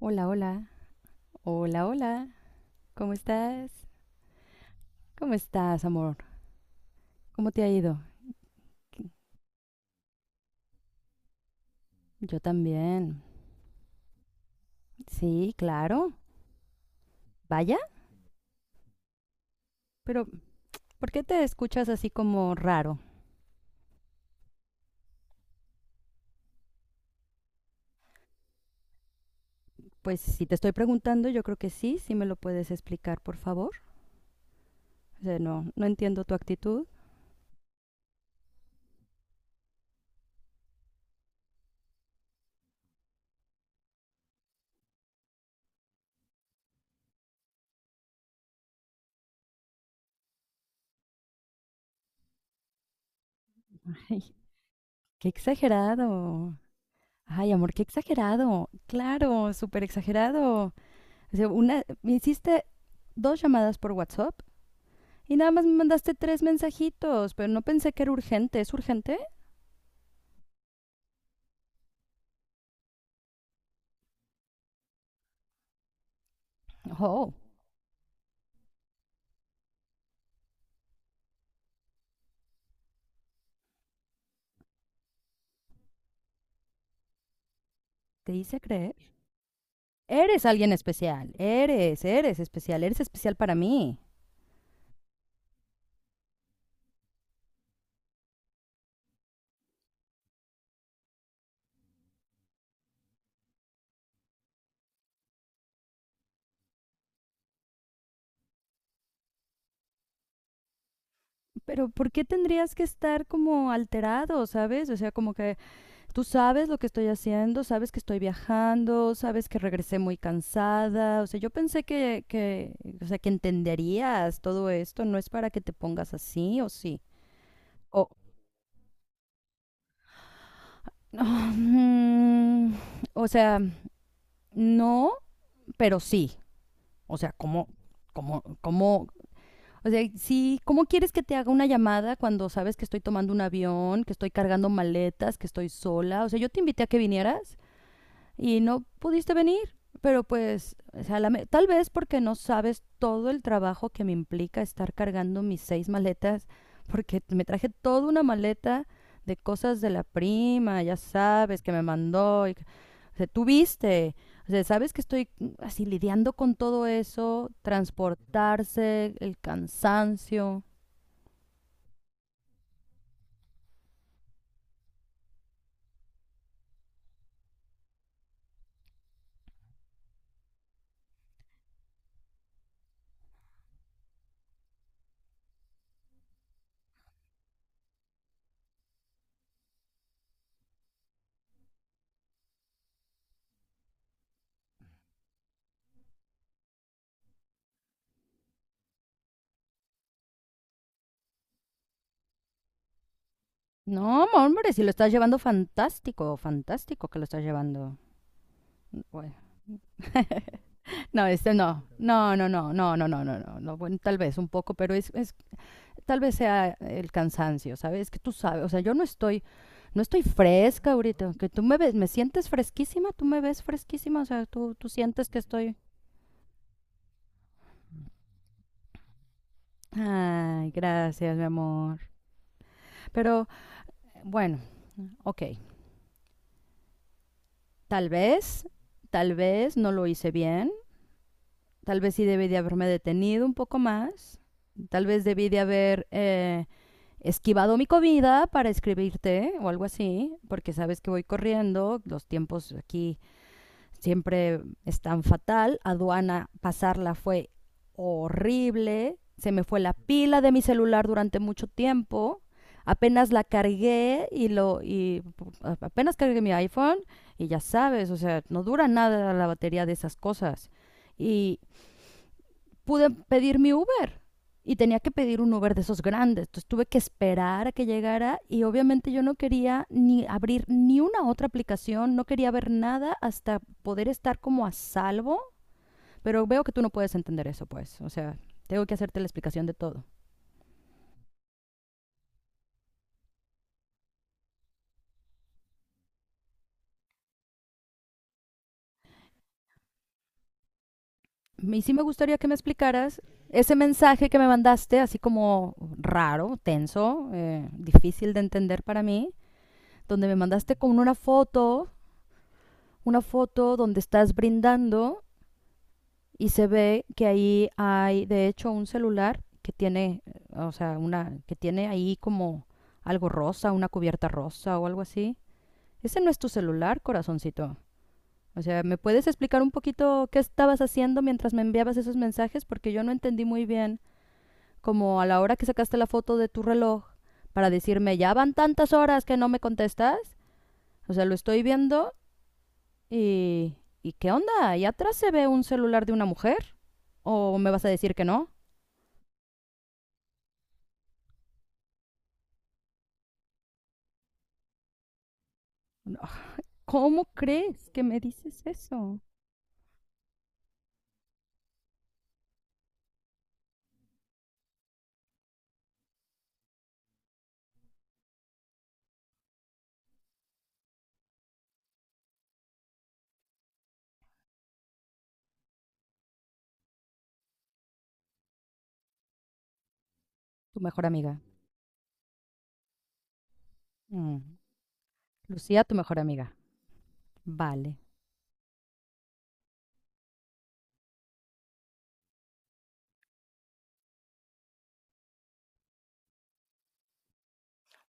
Hola, hola, hola, hola, ¿cómo estás? ¿Cómo estás, amor? ¿Cómo te ha ido? Yo también. Sí, claro. Vaya, pero ¿por qué te escuchas así como raro? Pues si te estoy preguntando, yo creo que sí, sí me lo puedes explicar, por favor. O sea, no entiendo tu actitud. Ay, qué exagerado. Ay, amor, qué exagerado. Claro, súper exagerado. O sea, una, me hiciste dos llamadas por WhatsApp y nada más me mandaste tres mensajitos, pero no pensé que era urgente. ¿Es urgente? Oh, te hice creer. Eres alguien especial, eres, eres especial para mí. Pero ¿por qué tendrías que estar como alterado, sabes? O sea, como que tú sabes lo que estoy haciendo, sabes que estoy viajando, sabes que regresé muy cansada. O sea, yo pensé que o sea, que entenderías todo esto, no es para que te pongas así o sí. O, o sea, no, pero sí. O sea, ¿cómo, o sea, sí, ¿cómo quieres que te haga una llamada cuando sabes que estoy tomando un avión, que estoy cargando maletas, que estoy sola? O sea, yo te invité a que vinieras y no pudiste venir. Pero pues, o sea, la me- tal vez porque no sabes todo el trabajo que me implica estar cargando mis seis maletas, porque me traje toda una maleta de cosas de la prima, ya sabes, que me mandó y o sea, tú viste, o sea, sabes que estoy así lidiando con todo eso, transportarse, el cansancio. No, hombre, si lo estás llevando fantástico, fantástico que lo estás llevando. Bueno. No, este no. No, no, no, no, no, no, no, no, no. Bueno, tal vez un poco, pero es tal vez sea el cansancio, ¿sabes? Que tú sabes, o sea, yo no estoy fresca ahorita, que tú me ves, me sientes fresquísima, tú me ves fresquísima, o sea, tú sientes que estoy Ay, gracias, mi amor. Pero bueno, ok. Tal vez, tal vez no lo hice bien. Tal vez sí debí de haberme detenido un poco más. Tal vez debí de haber esquivado mi comida para escribirte o algo así, porque sabes que voy corriendo, los tiempos aquí siempre es tan fatal. Aduana, pasarla fue horrible. Se me fue la pila de mi celular durante mucho tiempo. Apenas la cargué y apenas cargué mi iPhone y ya sabes, o sea, no dura nada la batería de esas cosas. Y, pude pedir mi Uber y tenía que pedir un Uber de esos grandes. Entonces tuve que esperar a que llegara y obviamente yo no quería ni abrir ni una otra aplicación, no quería ver nada hasta poder estar como a salvo. Pero veo que tú no puedes entender eso, pues. O sea, tengo que hacerte la explicación de todo. Y sí me gustaría que me explicaras ese mensaje que me mandaste, así como raro, tenso, difícil de entender para mí, donde me mandaste con una foto donde estás brindando y se ve que ahí hay, de hecho, un celular que tiene, o sea, una, que tiene ahí como algo rosa, una cubierta rosa o algo así. Ese no es tu celular, corazoncito. O sea, ¿me puedes explicar un poquito qué estabas haciendo mientras me enviabas esos mensajes? Porque yo no entendí muy bien, como a la hora que sacaste la foto de tu reloj para decirme, ya van tantas horas que no me contestas. O sea, lo estoy viendo y... ¿Y qué onda? ¿Ahí atrás se ve un celular de una mujer? ¿O me vas a decir que no? ¿Cómo crees que me dices eso? Tu mejor amiga. Mm, Lucía, tu mejor amiga. Vale.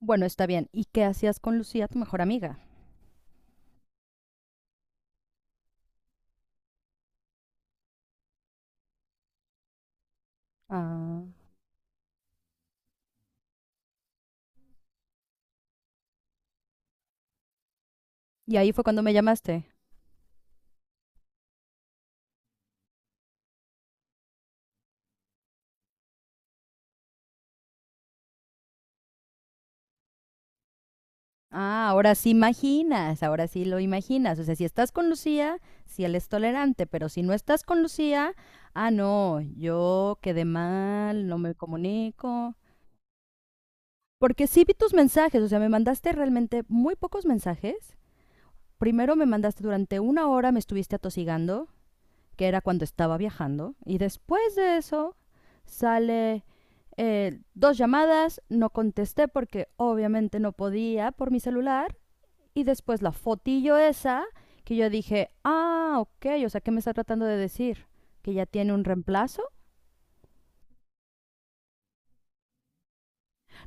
Bueno, está bien. ¿Y qué hacías con Lucía, tu mejor amiga? Ah. Y ahí fue cuando me llamaste. Ah, ahora sí imaginas, ahora sí lo imaginas. O sea, si estás con Lucía, si él es tolerante, pero si no estás con Lucía, ah, no, yo quedé mal, no me comunico. Porque sí vi tus mensajes, o sea, me mandaste realmente muy pocos mensajes. Primero me mandaste durante una hora, me estuviste atosigando. Que era cuando estaba viajando. Y después de eso sale dos llamadas, no contesté porque obviamente no podía por mi celular. Y después la fotillo esa que yo dije, ah, ok, o sea, ¿qué me está tratando de decir? ¿Que ya tiene un reemplazo?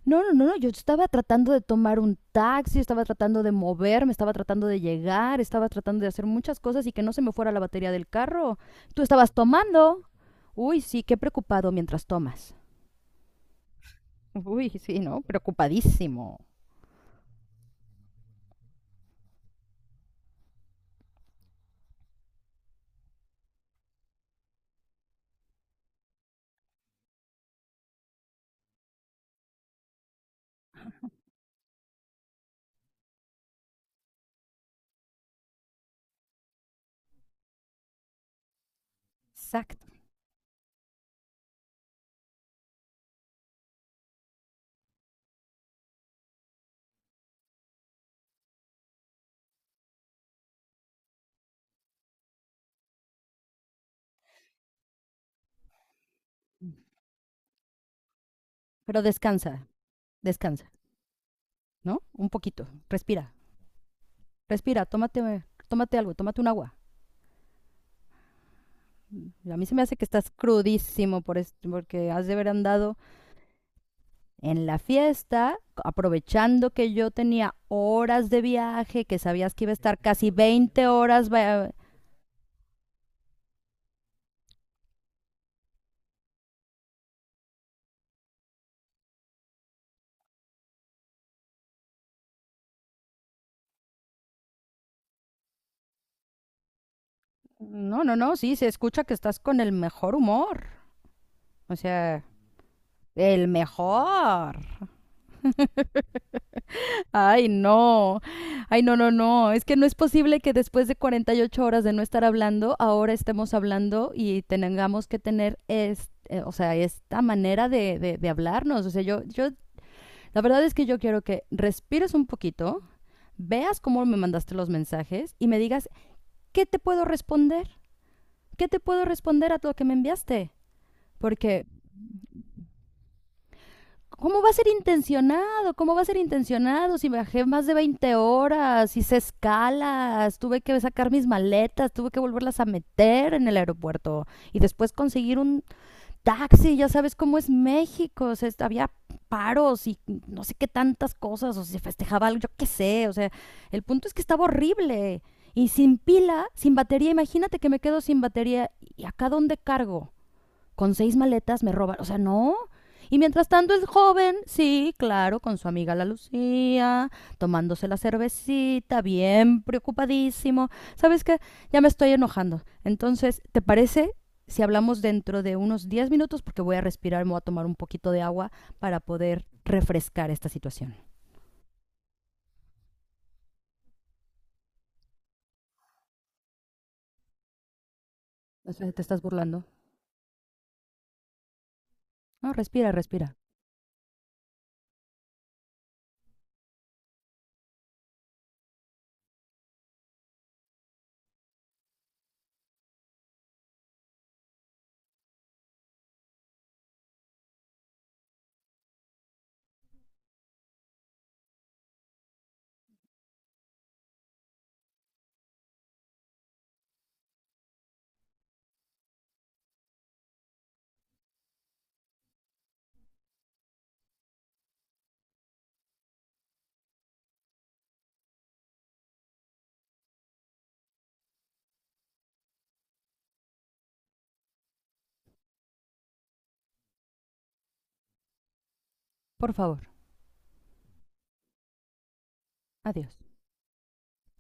No, no, no, no, yo estaba tratando de tomar un taxi, estaba tratando de moverme, estaba tratando de llegar, estaba tratando de hacer muchas cosas y que no se me fuera la batería del carro. Tú estabas tomando. Uy, sí, qué preocupado mientras tomas. Uy, sí, ¿no? Preocupadísimo. Exacto. Pero descansa, descansa, ¿no? Un poquito. Respira, respira, tómate, tómate algo, tómate un agua. A mí se me hace que estás crudísimo porque has de haber andado en la fiesta, aprovechando que yo tenía horas de viaje, que sabías que iba a estar casi 20 horas. Va- No, no, no, sí, se escucha que estás con el mejor humor. O sea, el mejor. Ay, no. Ay, no, no, no. Es que no es posible que después de 48 horas de no estar hablando, ahora estemos hablando y tengamos que tener o sea, esta manera de hablarnos. O sea, yo, la verdad es que yo quiero que respires un poquito, veas cómo me mandaste los mensajes y me digas, ¿qué te puedo responder? ¿Qué te puedo responder a lo que me enviaste? Porque ¿cómo va a ser intencionado? ¿Cómo va a ser intencionado? Si viajé más de 20 horas, hice escalas, tuve que sacar mis maletas, tuve que volverlas a meter en el aeropuerto y después conseguir un taxi, ya sabes cómo es México, o sea, es- había paros y no sé qué tantas cosas, o si se festejaba algo, yo qué sé, o sea, el punto es que estaba horrible y sin pila, sin batería, imagínate que me quedo sin batería y acá dónde cargo. Con seis maletas me roban. O sea, no. Y mientras tanto el joven, sí, claro, con su amiga la Lucía, tomándose la cervecita, bien preocupadísimo. ¿Sabes qué? Ya me estoy enojando. Entonces, ¿te parece si hablamos dentro de unos 10 minutos? Porque voy a respirar, me voy a tomar un poquito de agua para poder refrescar esta situación. ¿Te estás burlando? No, respira, respira. Por favor. Adiós.